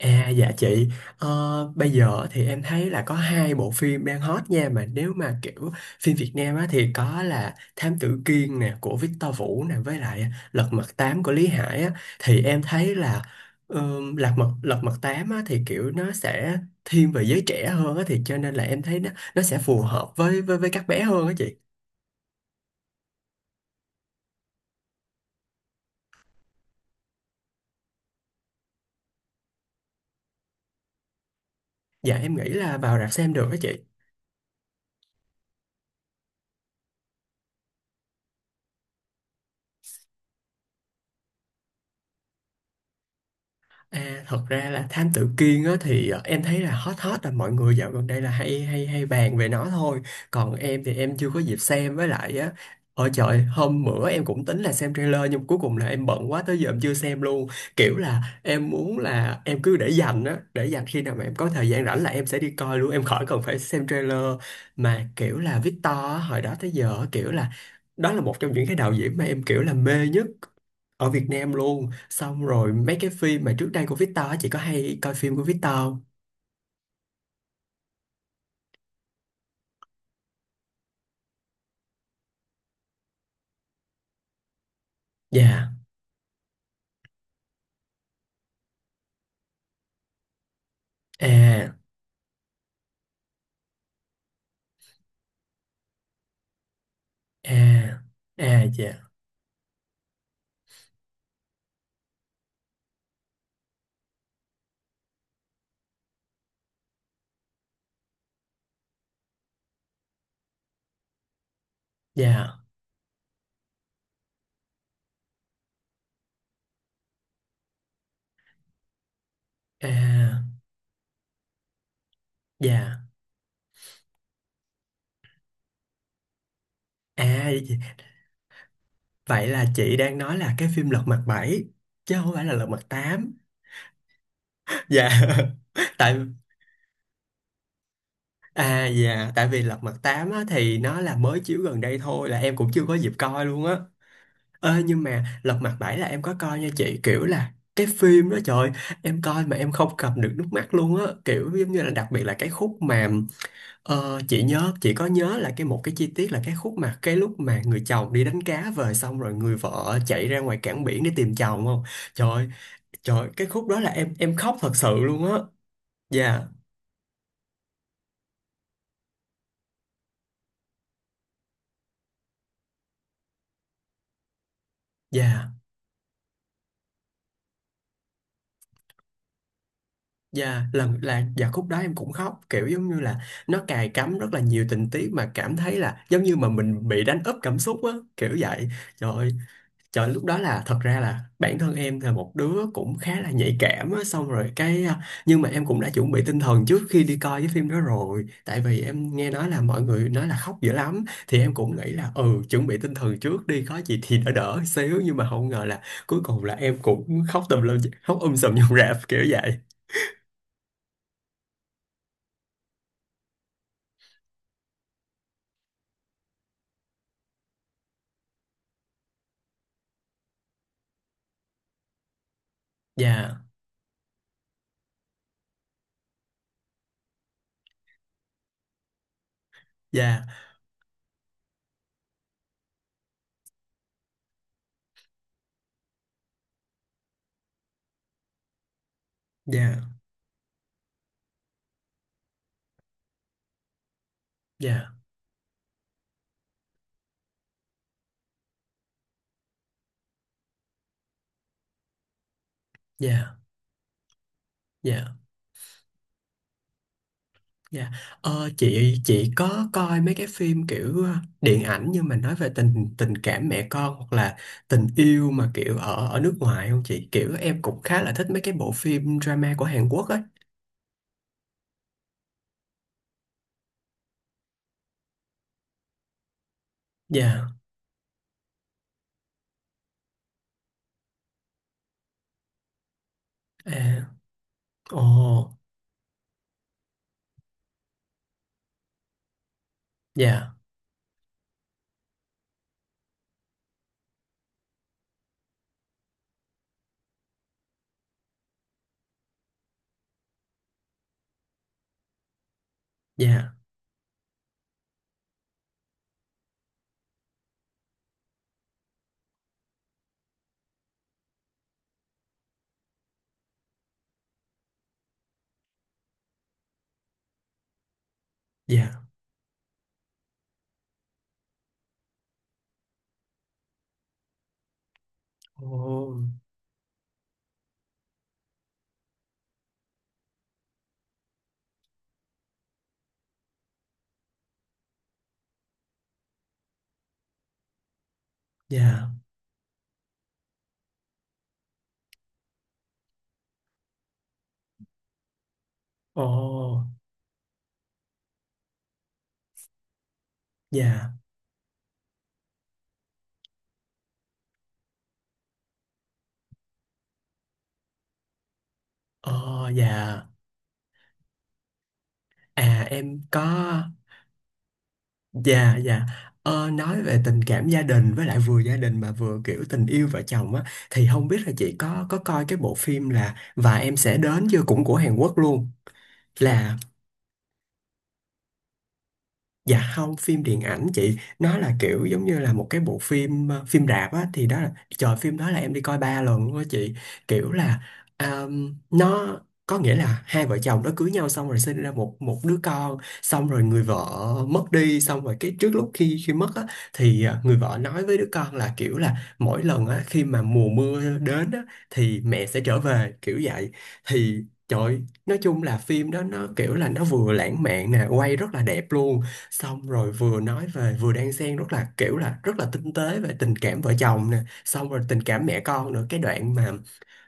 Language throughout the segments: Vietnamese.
À dạ chị, bây giờ thì em thấy là có hai bộ phim đang hot nha, mà nếu mà kiểu phim Việt Nam á thì có là Thám Tử Kiên nè của Victor Vũ nè, với lại Lật Mặt Tám của Lý Hải á. Thì em thấy là Lật Mặt Tám á thì kiểu nó sẽ thiên về giới trẻ hơn á, thì cho nên là em thấy nó sẽ phù hợp với với các bé hơn á chị. Dạ em nghĩ là vào rạp xem được á chị. À, thật ra là Thám Tử Kiên á, thì em thấy là hot, hot là mọi người dạo gần đây là hay hay hay bàn về nó thôi. Còn em thì em chưa có dịp xem, với lại á, ôi trời, hôm bữa em cũng tính là xem trailer nhưng cuối cùng là em bận quá tới giờ em chưa xem luôn. Kiểu là em muốn là em cứ để dành á, để dành khi nào mà em có thời gian rảnh là em sẽ đi coi luôn, em khỏi cần phải xem trailer. Mà kiểu là Victor á, hồi đó tới giờ á, kiểu là đó là một trong những cái đạo diễn mà em kiểu là mê nhất ở Việt Nam luôn. Xong rồi mấy cái phim mà trước đây của Victor á, chị có hay coi phim của Victor không? Dạ, à, à, à, dạ, dạ, à, dạ, à, vậy là chị đang nói là cái phim Lật Mặt Bảy chứ không phải là Lật Mặt Tám. Dạ, tại à, dạ, tại vì Lật Mặt Tám á, thì nó là mới chiếu gần đây thôi là em cũng chưa có dịp coi luôn á. Ê, nhưng mà Lật Mặt Bảy là em có coi nha chị, kiểu là cái phim đó, trời ơi, em coi mà em không cầm được nước mắt luôn á, kiểu giống như là đặc biệt là cái khúc mà chị nhớ, chị có nhớ là một cái chi tiết là cái khúc mà cái lúc mà người chồng đi đánh cá về, xong rồi người vợ chạy ra ngoài cảng biển để tìm chồng không? Trời ơi, trời ơi, cái khúc đó là em khóc thật sự luôn á. Dạ, dạ. Dạ, lần là dạ khúc đó em cũng khóc, kiểu giống như là nó cài cắm rất là nhiều tình tiết mà cảm thấy là giống như mà mình bị đánh úp cảm xúc á, kiểu vậy. Trời ơi, trời, lúc đó là thật ra là bản thân em là một đứa cũng khá là nhạy cảm á, xong rồi nhưng mà em cũng đã chuẩn bị tinh thần trước khi đi coi cái phim đó rồi, tại vì em nghe nói là mọi người nói là khóc dữ lắm, thì em cũng nghĩ là ừ chuẩn bị tinh thần trước đi, có gì thì đỡ đỡ xíu, nhưng mà không ngờ là cuối cùng là em cũng khóc tùm lum, khóc sùm trong rạp, kiểu vậy. Dạ, dạ, dạ, dạ, dạ, dạ, dạ. Chị có coi mấy cái phim kiểu điện ảnh nhưng mà nói về tình tình cảm mẹ con, hoặc là tình yêu mà kiểu ở ở nước ngoài không chị? Kiểu em cũng khá là thích mấy cái bộ phim drama của Hàn Quốc ấy. Dạ, à, ồ, dạ, dạ, dạ, ồ, dạ, ồ, dạ, ồ, dạ, à em có. Dạ, dạ. Nói về tình cảm gia đình, với lại vừa gia đình mà vừa kiểu tình yêu vợ chồng á, thì không biết là chị có coi cái bộ phim là Và em sẽ đến chưa, cũng của Hàn Quốc luôn, là dạ không, phim điện ảnh chị. Nó là kiểu giống như là một cái bộ phim phim rạp á. Trời phim đó là em đi coi ba lần luôn á chị. Kiểu là nó có nghĩa là hai vợ chồng nó cưới nhau xong rồi sinh ra một một đứa con. Xong rồi người vợ mất đi. Xong rồi cái trước lúc khi khi mất á, thì người vợ nói với đứa con là kiểu là mỗi lần á khi mà mùa mưa đến á thì mẹ sẽ trở về, kiểu vậy. Thì Trời, nói chung là phim đó nó kiểu là nó vừa lãng mạn nè, quay rất là đẹp luôn, xong rồi vừa nói về, vừa đan xen rất là kiểu là rất là tinh tế về tình cảm vợ chồng nè, xong rồi tình cảm mẹ con nữa. Cái đoạn mà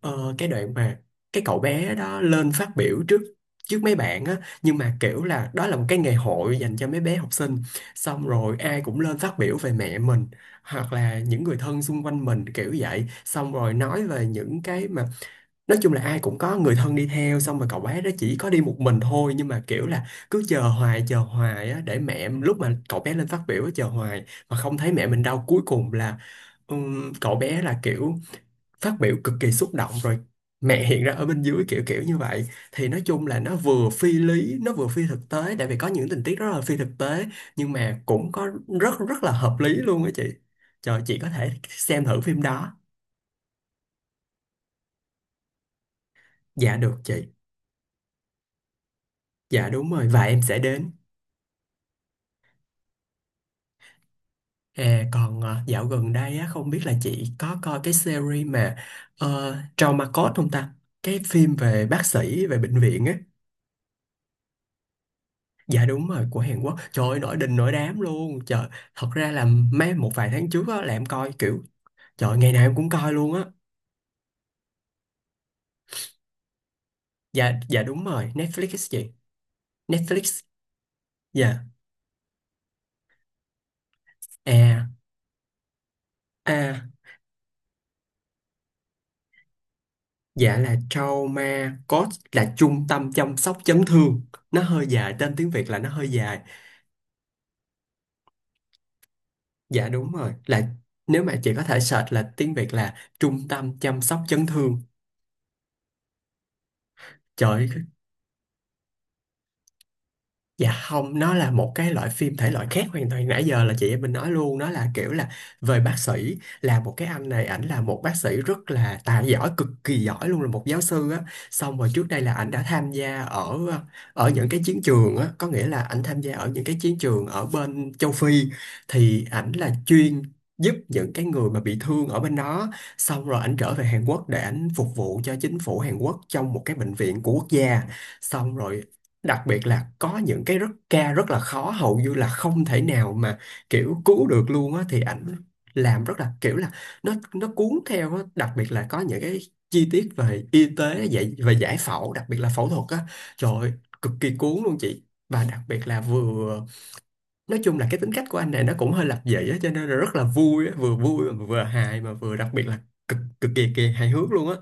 cái đoạn mà cái cậu bé đó lên phát biểu trước, trước mấy bạn á, nhưng mà kiểu là đó là một cái ngày hội dành cho mấy bé học sinh, xong rồi ai cũng lên phát biểu về mẹ mình hoặc là những người thân xung quanh mình, kiểu vậy. Xong rồi nói về những cái mà nói chung là ai cũng có người thân đi theo, xong rồi cậu bé đó chỉ có đi một mình thôi, nhưng mà kiểu là cứ chờ hoài á, để mẹ lúc mà cậu bé lên phát biểu á, chờ hoài mà không thấy mẹ mình đâu, cuối cùng là cậu bé là kiểu phát biểu cực kỳ xúc động, rồi mẹ hiện ra ở bên dưới kiểu kiểu như vậy. Thì nói chung là nó vừa phi lý, nó vừa phi thực tế, tại vì có những tình tiết rất là phi thực tế, nhưng mà cũng có rất rất là hợp lý luôn á chị. Trời, chị có thể xem thử phim đó. Dạ được chị. Dạ đúng rồi, Và em sẽ đến. À, còn dạo gần đây á, không biết là chị có coi cái series mà Trauma Code không ta? Cái phim về bác sĩ, về bệnh viện á. Dạ đúng rồi, của Hàn Quốc. Trời ơi, nổi đình nổi đám luôn. Trời, thật ra là một vài tháng trước á, là em coi kiểu, trời, ngày nào em cũng coi luôn á. Dạ, dạ đúng rồi, Netflix á chị. Netflix, dạ. À, à, dạ là Trauma Code là trung tâm chăm sóc chấn thương. Nó hơi dài, tên tiếng Việt là nó hơi dài. Dạ đúng rồi, là nếu mà chị có thể search là tiếng Việt là trung tâm chăm sóc chấn thương. Trời ơi, dạ không, nó là một cái loại phim thể loại khác hoàn toàn. Nãy giờ là chị em mình nói luôn, nó là kiểu là về bác sĩ, là một cái anh này, ảnh là một bác sĩ rất là tài giỏi, cực kỳ giỏi luôn, là một giáo sư á. Xong rồi trước đây là ảnh đã tham gia ở, ở những cái chiến trường á, có nghĩa là ảnh tham gia ở những cái chiến trường ở bên châu Phi, thì ảnh là chuyên giúp những cái người mà bị thương ở bên đó. Xong rồi ảnh trở về Hàn Quốc để ảnh phục vụ cho chính phủ Hàn Quốc trong một cái bệnh viện của quốc gia. Xong rồi đặc biệt là có những cái ca rất là khó, hầu như là không thể nào mà kiểu cứu được luôn á, thì ảnh làm rất là kiểu là nó cuốn theo á. Đặc biệt là có những cái chi tiết về y tế, dạy về giải phẫu, đặc biệt là phẫu thuật á, trời ơi, cực kỳ cuốn luôn chị. Và đặc biệt là vừa nói chung là cái tính cách của anh này nó cũng hơi lập dị á, cho nên là rất là vui á, vừa vui mà vừa hài mà vừa đặc biệt là cực cực kỳ kỳ hài hước luôn á.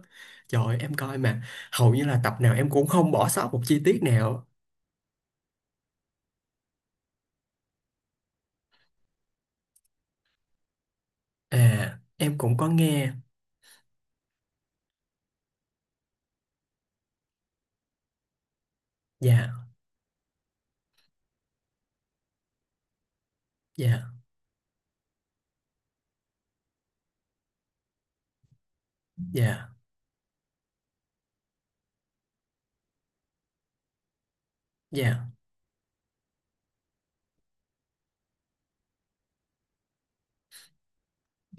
Trời ơi, em coi mà hầu như là tập nào em cũng không bỏ sót một chi tiết nào. À, em cũng có nghe. Dạ, dạ, dạ, dạ,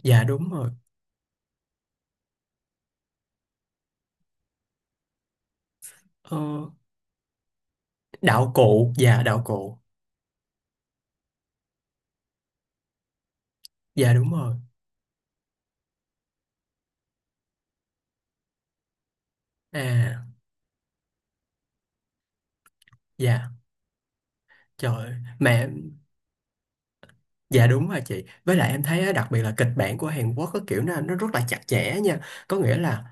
dạ đúng rồi. Ờ, đạo cụ. Dạ đúng rồi. À, dạ, trời ơi. Mà dạ đúng rồi chị. Với lại em thấy á, đặc biệt là kịch bản của Hàn Quốc có kiểu nó rất là chặt chẽ nha. Có nghĩa là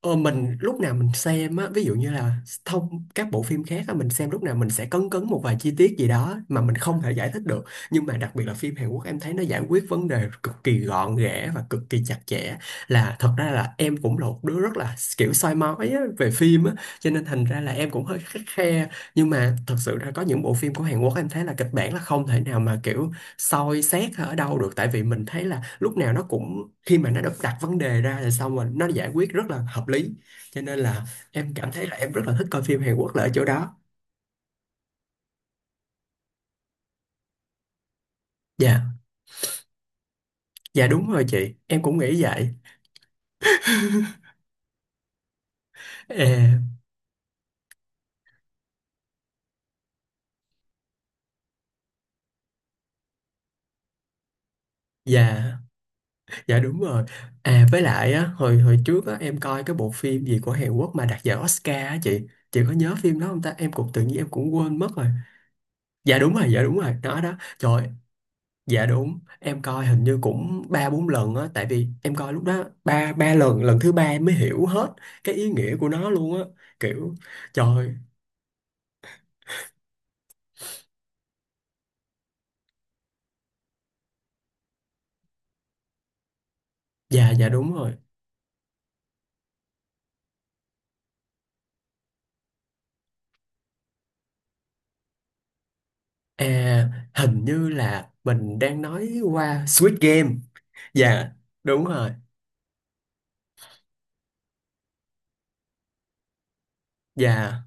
ờ, mình lúc nào mình xem á, ví dụ như là thông các bộ phim khác á, mình xem lúc nào mình sẽ cấn cấn một vài chi tiết gì đó mà mình không thể giải thích được. Nhưng mà đặc biệt là phim Hàn Quốc em thấy nó giải quyết vấn đề cực kỳ gọn ghẽ và cực kỳ chặt chẽ. Là thật ra là em cũng là một đứa rất là kiểu soi mói á, về phim á, cho nên thành ra là em cũng hơi khắt khe. Nhưng mà thật sự ra có những bộ phim của Hàn Quốc em thấy là kịch bản là không thể nào mà kiểu soi xét ở đâu được, tại vì mình thấy là lúc nào nó cũng, khi mà nó được đặt vấn đề ra rồi xong rồi nó giải quyết rất là hợp lý, cho nên là em cảm thấy là em rất là thích coi phim Hàn Quốc là ở chỗ đó. Dạ, dạ đúng rồi chị, em cũng nghĩ vậy. À, dạ, dạ đúng rồi. À, với lại á, hồi hồi trước á em coi cái bộ phim gì của Hàn Quốc mà đạt giải Oscar á chị có nhớ phim đó không ta, em cũng tự nhiên em cũng quên mất rồi. Dạ đúng rồi, dạ đúng rồi, đó đó, trời. Dạ đúng, em coi hình như cũng ba bốn lần á, tại vì em coi lúc đó ba ba lần, lần thứ ba em mới hiểu hết cái ý nghĩa của nó luôn á. Kiểu trời ơi, dạ, dạ đúng rồi. À hình như là mình đang nói qua Squid Game. Dạ, đúng rồi. Dạ.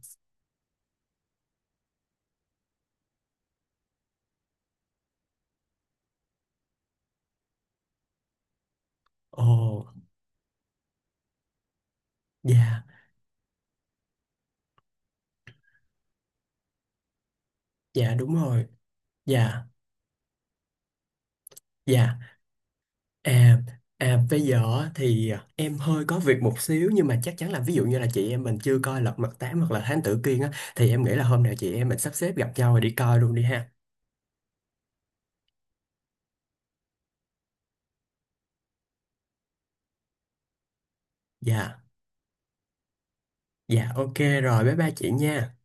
Ồ, dạ, dạ đúng rồi. Dạ, dạ. À, à bây giờ thì em hơi có việc một xíu, nhưng mà chắc chắn là ví dụ như là chị em mình chưa coi Lật Mặt Tám hoặc là Thám Tử Kiên á thì em nghĩ là hôm nào chị em mình sắp xếp gặp nhau rồi đi coi luôn đi ha. Dạ, dạ ok, rồi bye bye chị nha.